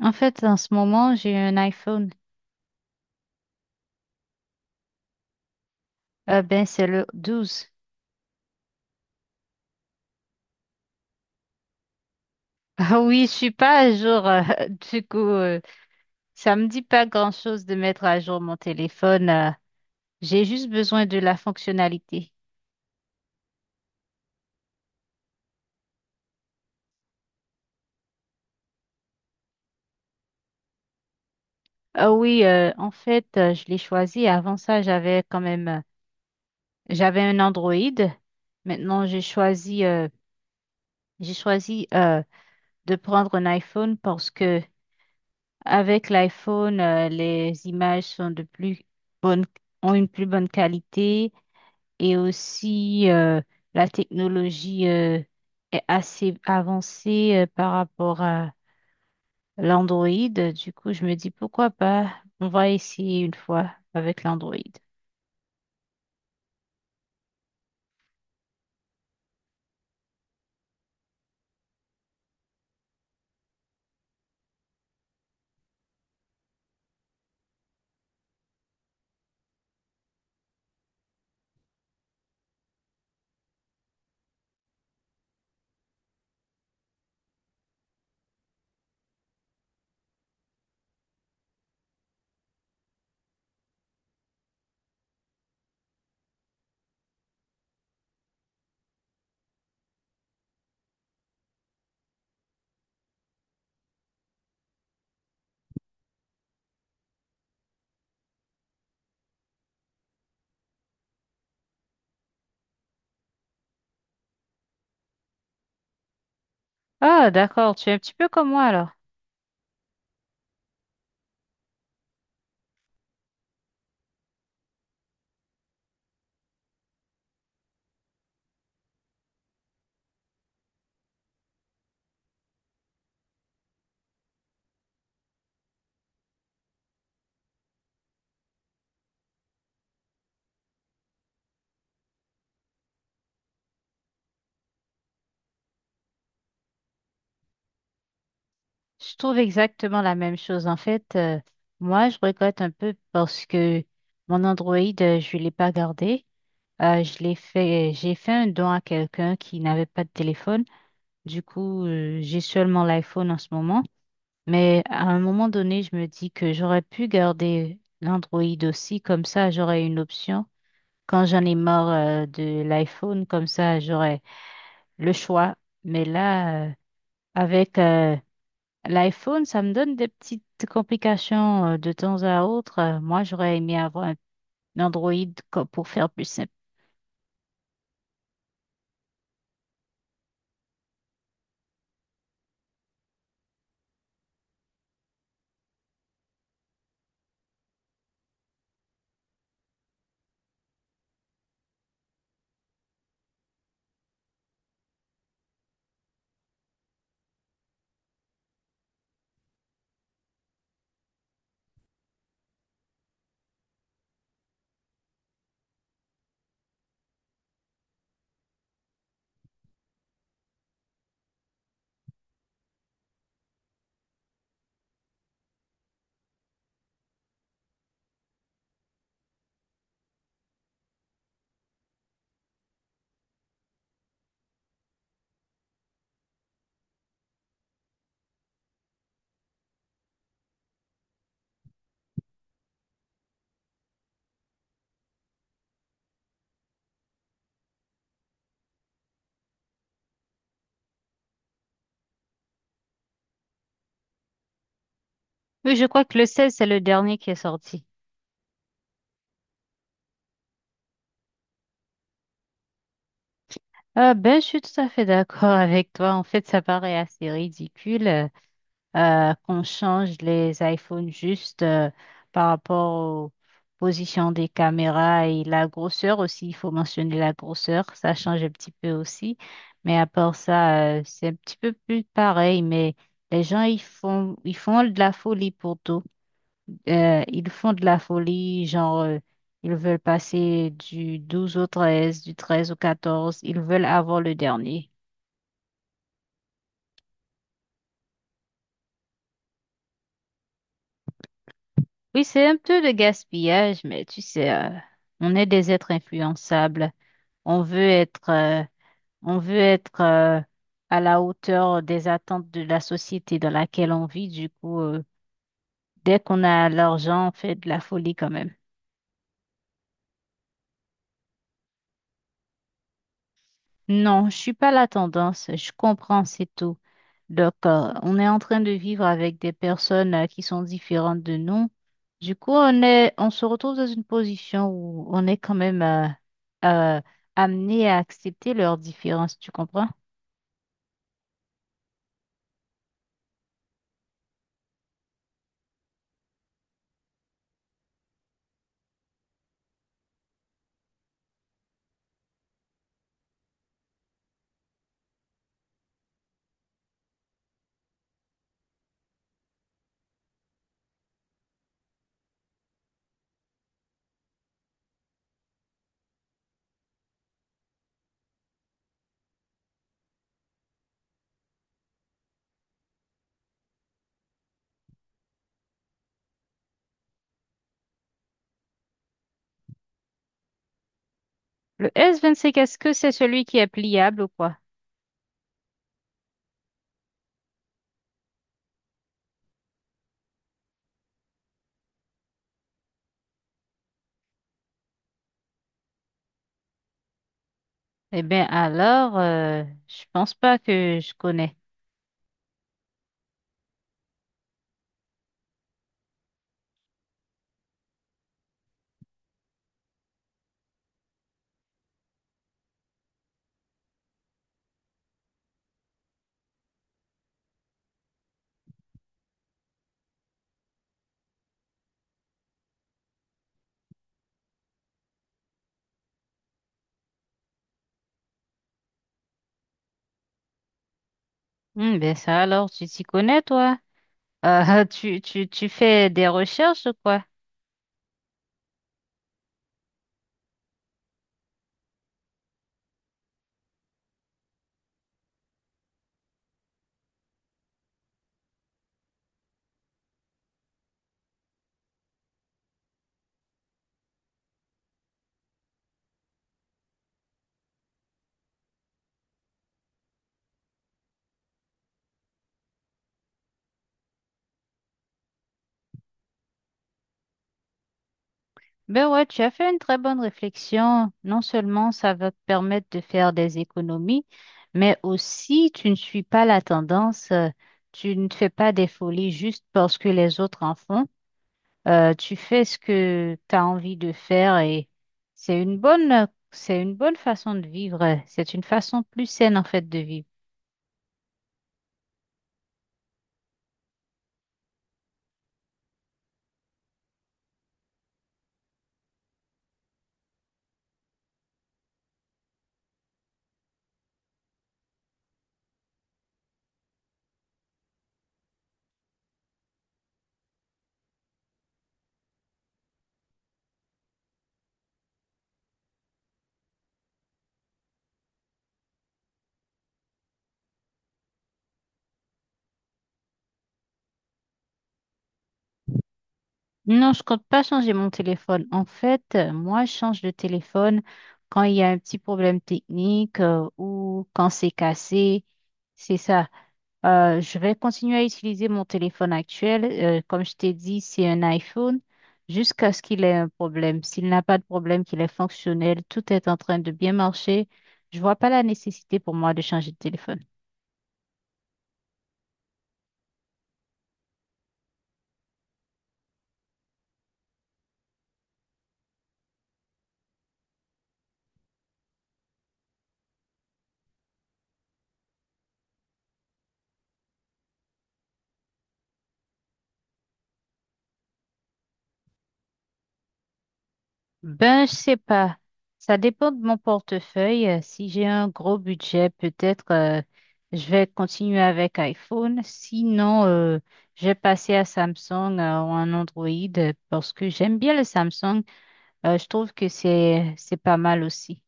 En fait, en ce moment, j'ai un iPhone. C'est le 12. Ah oui, je suis pas à jour. Du coup, ça me dit pas grand-chose de mettre à jour mon téléphone. J'ai juste besoin de la fonctionnalité. Ah oui, en fait, je l'ai choisi. Avant ça, j'avais quand même, j'avais un Android. Maintenant, j'ai choisi de prendre un iPhone parce que avec l'iPhone, les images sont de plus bonnes, ont une plus bonne qualité. Et aussi, la technologie est assez avancée par rapport à l'Android. Du coup, je me dis, pourquoi pas? On va essayer une fois avec l'Android. Ah, d'accord, tu es un petit peu comme moi alors. Je trouve exactement la même chose. En fait, moi, je regrette un peu parce que mon Android, je ne l'ai pas gardé. J'ai fait un don à quelqu'un qui n'avait pas de téléphone. Du coup, j'ai seulement l'iPhone en ce moment. Mais à un moment donné, je me dis que j'aurais pu garder l'Android aussi, comme ça j'aurais une option. Quand j'en ai marre de l'iPhone, comme ça j'aurais le choix. Mais là, avec l'iPhone, ça me donne des petites complications de temps à autre. Moi, j'aurais aimé avoir un Android pour faire plus simple. Mais je crois que le 16, c'est le dernier qui est sorti. Ah ben, je suis tout à fait d'accord avec toi. En fait, ça paraît assez ridicule. Qu'on change les iPhones juste par rapport aux positions des caméras et la grosseur aussi. Il faut mentionner la grosseur, ça change un petit peu aussi. Mais à part ça, c'est un petit peu plus pareil. Mais les gens, ils font de la folie pour tout. Ils font de la folie, genre, ils veulent passer du 12 au 13, du 13 au 14. Ils veulent avoir le dernier. Oui, c'est un peu de gaspillage, mais tu sais, on est des êtres influençables. On veut être, euh, on veut être à la hauteur des attentes de la société dans laquelle on vit. Du coup, dès qu'on a l'argent, on fait de la folie quand même. Non, je suis pas la tendance. Je comprends, c'est tout. Donc, on est en train de vivre avec des personnes qui sont différentes de nous. Du coup, on se retrouve dans une position où on est quand même euh, amené à accepter leurs différences. Tu comprends? Le S25, est-ce que c'est celui qui est pliable ou quoi? Eh bien, alors, je pense pas que je connais. Hmm, ben ça, alors, tu t'y connais, toi? Tu fais des recherches ou quoi? Ben ouais, tu as fait une très bonne réflexion. Non seulement ça va te permettre de faire des économies, mais aussi tu ne suis pas la tendance, tu ne fais pas des folies juste parce que les autres en font. Tu fais ce que tu as envie de faire et c'est une bonne façon de vivre. C'est une façon plus saine en fait de vivre. Non, je compte pas changer mon téléphone. En fait, moi, je change de téléphone quand il y a un petit problème technique ou quand c'est cassé. C'est ça. Je vais continuer à utiliser mon téléphone actuel. Comme je t'ai dit, c'est un iPhone jusqu'à ce qu'il ait un problème. S'il n'a pas de problème, qu'il est fonctionnel, tout est en train de bien marcher. Je vois pas la nécessité pour moi de changer de téléphone. Ben, je sais pas. Ça dépend de mon portefeuille. Si j'ai un gros budget, peut-être je vais continuer avec iPhone. Sinon, je vais passer à Samsung ou un Android parce que j'aime bien le Samsung. Je trouve que c'est pas mal aussi.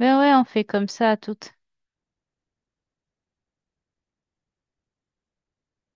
Ben ouais, on fait comme ça à toutes.